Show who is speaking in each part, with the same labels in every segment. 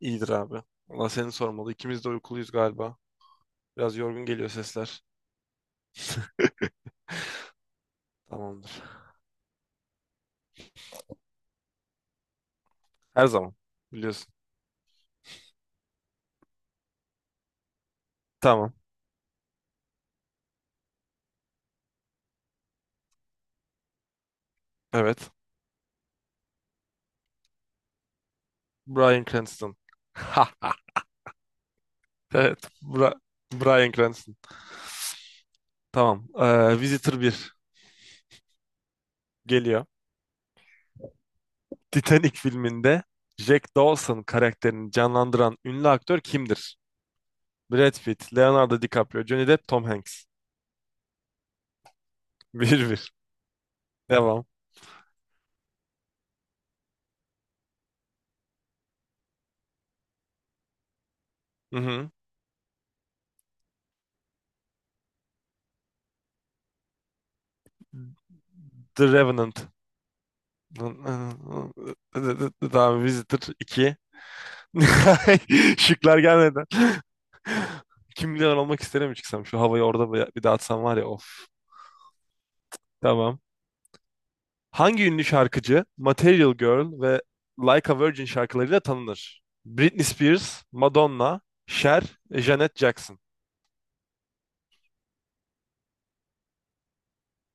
Speaker 1: İyidir abi. Valla seni sormalı. İkimiz de uykuluyuz galiba. Biraz yorgun geliyor sesler. Tamamdır. Her zaman. Biliyorsun. Tamam. Evet. Bryan Cranston. Evet. Bryan Cranston. Tamam. Visitor bir geliyor. Titanic filminde Jack Dawson karakterini canlandıran ünlü aktör kimdir? Brad Pitt, Leonardo DiCaprio, Johnny Depp, Tom Hanks. Bir bir. Devam. Hı hı. The Revenant. Tamam. Visitor 2. Şıklar gelmeden. Kim milyoner olmak isterim çıksam? Şu havayı orada bir bir dağıtsam var ya of. Tamam. Hangi ünlü şarkıcı Material Girl ve Like a Virgin şarkılarıyla tanınır? Britney Spears, Madonna, Cher, Janet Jackson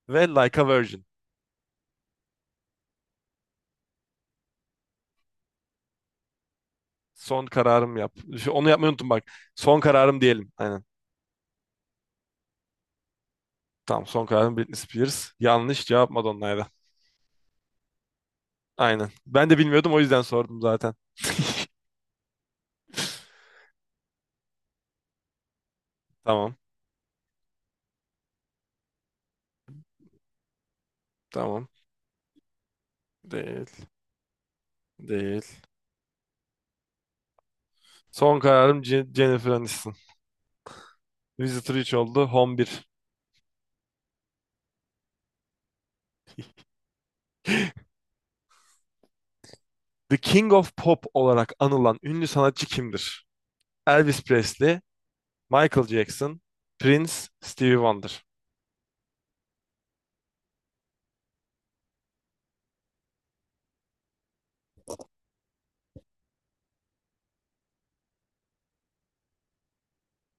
Speaker 1: ve Like a Virgin. Son kararım yap. Onu yapmayı unuttum bak. Son kararım diyelim. Aynen. Tamam son kararım Britney Spears. Yanlış cevap Madonna'ydı. Aynen. Ben de bilmiyordum o yüzden sordum zaten. Tamam. Tamam. Değil. Değil. Son kararım Jennifer Aniston. Visitor 3 oldu. Home bir. The King of Pop olarak anılan ünlü sanatçı kimdir? Elvis Presley, Michael Jackson, Prince, Stevie Wonder.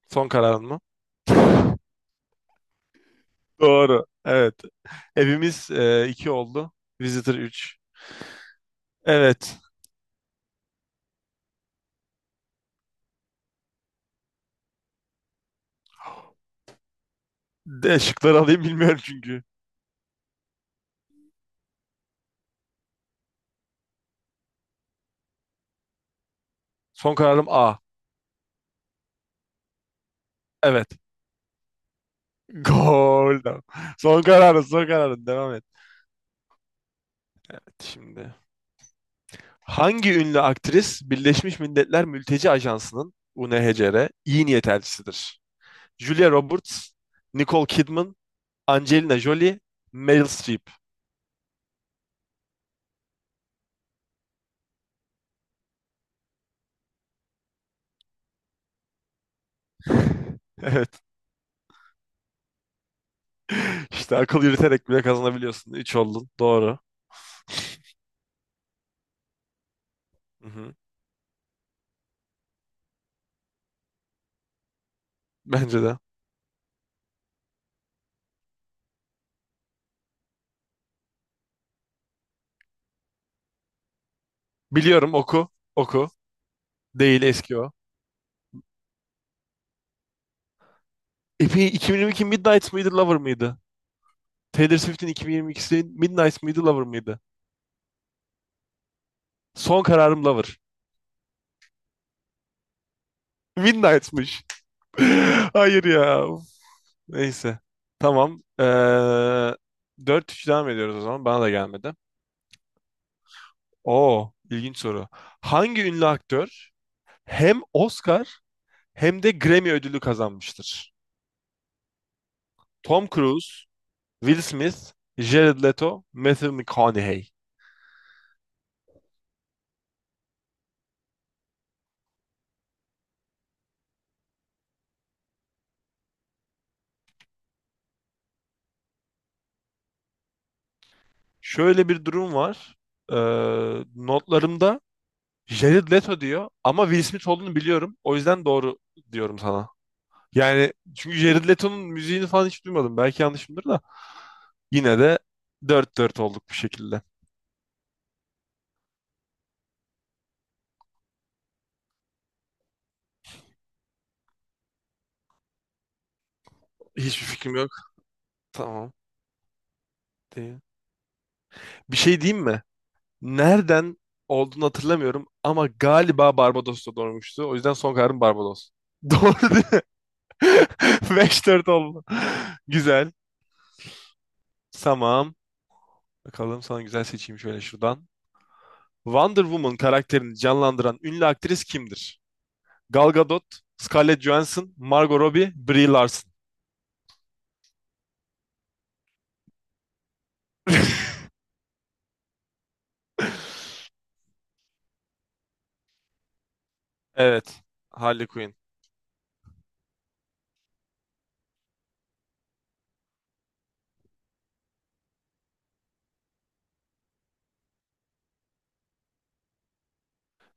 Speaker 1: Son kararın mı? Doğru. Evet. Evimiz 2 oldu. Visitor 3. Evet. De şıkları alayım bilmiyorum çünkü. Son kararım A. Evet. Gol. Son kararın, son kararın. Devam et. Şimdi. Hangi ünlü aktris Birleşmiş Milletler Mülteci Ajansı'nın UNHCR iyi niyet elçisidir? Julia Roberts, Nicole Kidman, Angelina Jolie, Meryl Streep. Evet. İşte akıl yürüterek bile kazanabiliyorsun. Üç oldun. Doğru. Hı-hı. Bence de. Biliyorum oku. Oku. Değil eski o. Epi 2022 Midnight mıydı Lover mıydı? Taylor Swift'in 2022'si Midnight mıydı Lover mıydı? Son kararım Lover. Midnight'mış. Hayır ya. Neyse. Tamam. 4-3 devam ediyoruz o zaman. Bana da gelmedi. Oo, ilginç soru. Hangi ünlü aktör hem Oscar hem de Grammy ödülü kazanmıştır? Tom Cruise, Will Smith, Jared Leto, Matthew McConaughey. Şöyle bir durum var. Ee, notlarımda Jared Leto diyor ama Will Smith olduğunu biliyorum. O yüzden doğru diyorum sana. Yani çünkü Jared Leto'nun müziğini falan hiç duymadım. Belki yanlışımdır da. Yine de dört dört olduk bir şekilde. Hiçbir fikrim yok. Tamam. Değil. Bir şey diyeyim mi? Nereden olduğunu hatırlamıyorum ama galiba Barbados'ta doğmuştu. O yüzden son kararım Barbados. Doğru değil mi? 5-4 oldu. Güzel. Tamam. Bakalım sana güzel seçeyim şöyle şuradan. Wonder Woman karakterini canlandıran ünlü aktris kimdir? Gal Gadot, Scarlett Johansson, Margot Robbie, Brie Larson. Evet. Harley Quinn.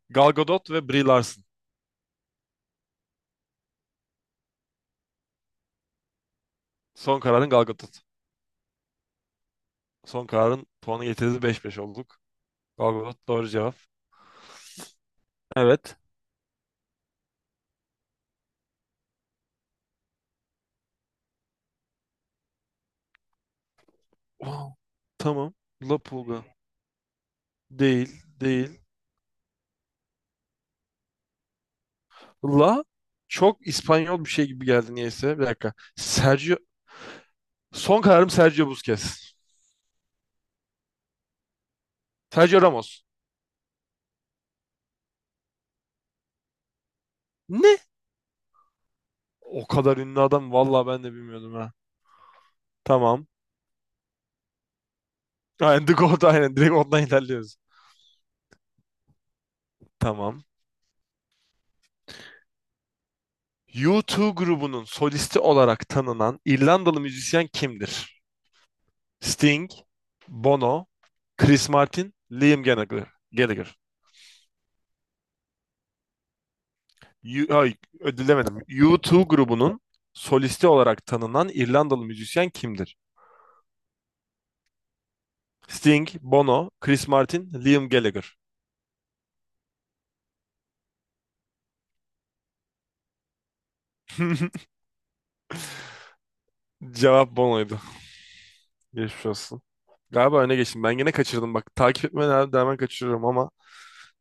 Speaker 1: Gal Gadot ve Brie Larson. Son kararın Gal Gadot. Son kararın puanı getirdi beş beş olduk. Gal Gadot doğru cevap. Evet. Wow. Tamam. La Pulga. Değil. Değil. La çok İspanyol bir şey gibi geldi niyeyse. Bir dakika. Sergio. Son kararım Sergio Busquets. Sergio Ramos. Ne? O kadar ünlü adam. Vallahi ben de bilmiyordum ha. Tamam. Aynen The Goat aynen. Direkt ondan ilerliyoruz. Tamam. U2 grubunun solisti olarak tanınan İrlandalı müzisyen kimdir? Sting, Bono, Chris Martin, Liam Gallagher. Gallagher. U- ay, ödül U2 grubunun solisti olarak tanınan İrlandalı müzisyen kimdir? Sting, Bono, Chris Martin, Liam Gallagher. Cevap Bono'ydu. Geçmiş olsun. Galiba öne geçtim. Ben yine kaçırdım. Bak takip etmeye devam kaçırıyorum ama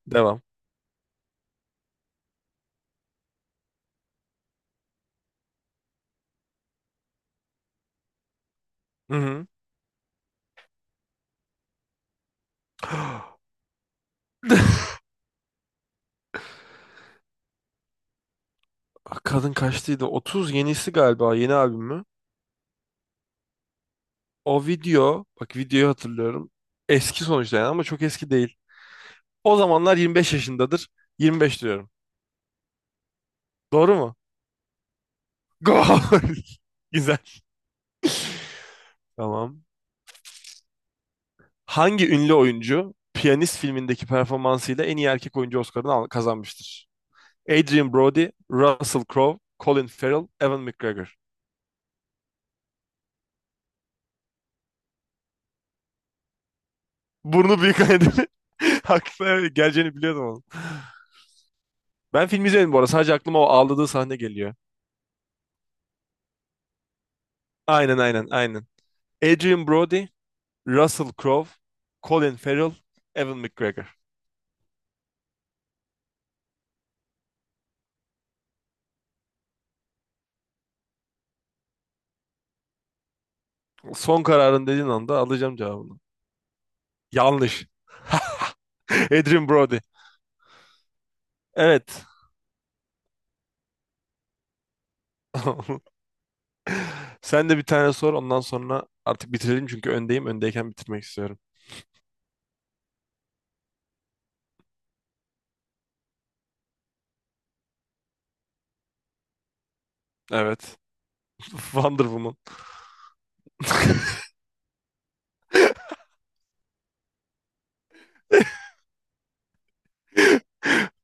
Speaker 1: devam. Hı hı. Ah, kadın kaçtıydı? 30 yenisi galiba yeni albüm mü? O video bak videoyu hatırlıyorum. Eski sonuçta yani ama çok eski değil. O zamanlar 25 yaşındadır. 25 diyorum. Doğru mu? Gol! Güzel. Tamam. Hangi ünlü oyuncu Piyanist filmindeki performansıyla en iyi erkek oyuncu Oscar'ını kazanmıştır? Adrian Brody, Russell Crowe, Colin Farrell, Evan McGregor. Burnu büyük nedeni. Haklı. Evet, geleceğini biliyordum oğlum. Ben filmi izlemedim bu arada. Sadece aklıma o ağladığı sahne geliyor. Aynen aynen aynen. Adrian Brody, Russell Crowe, Colin Farrell, Evan McGregor. Son kararın dediğin anda alacağım cevabını. Yanlış. Adrian Brody. Evet. Sen de bir tane sor ondan sonra artık bitirelim çünkü öndeyim. Öndeyken bitirmek istiyorum. Evet. Wonder Woman.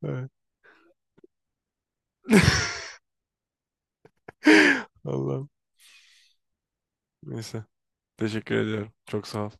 Speaker 1: Evet. Allah'ım. Neyse. Teşekkür ediyorum. Çok sağ ol.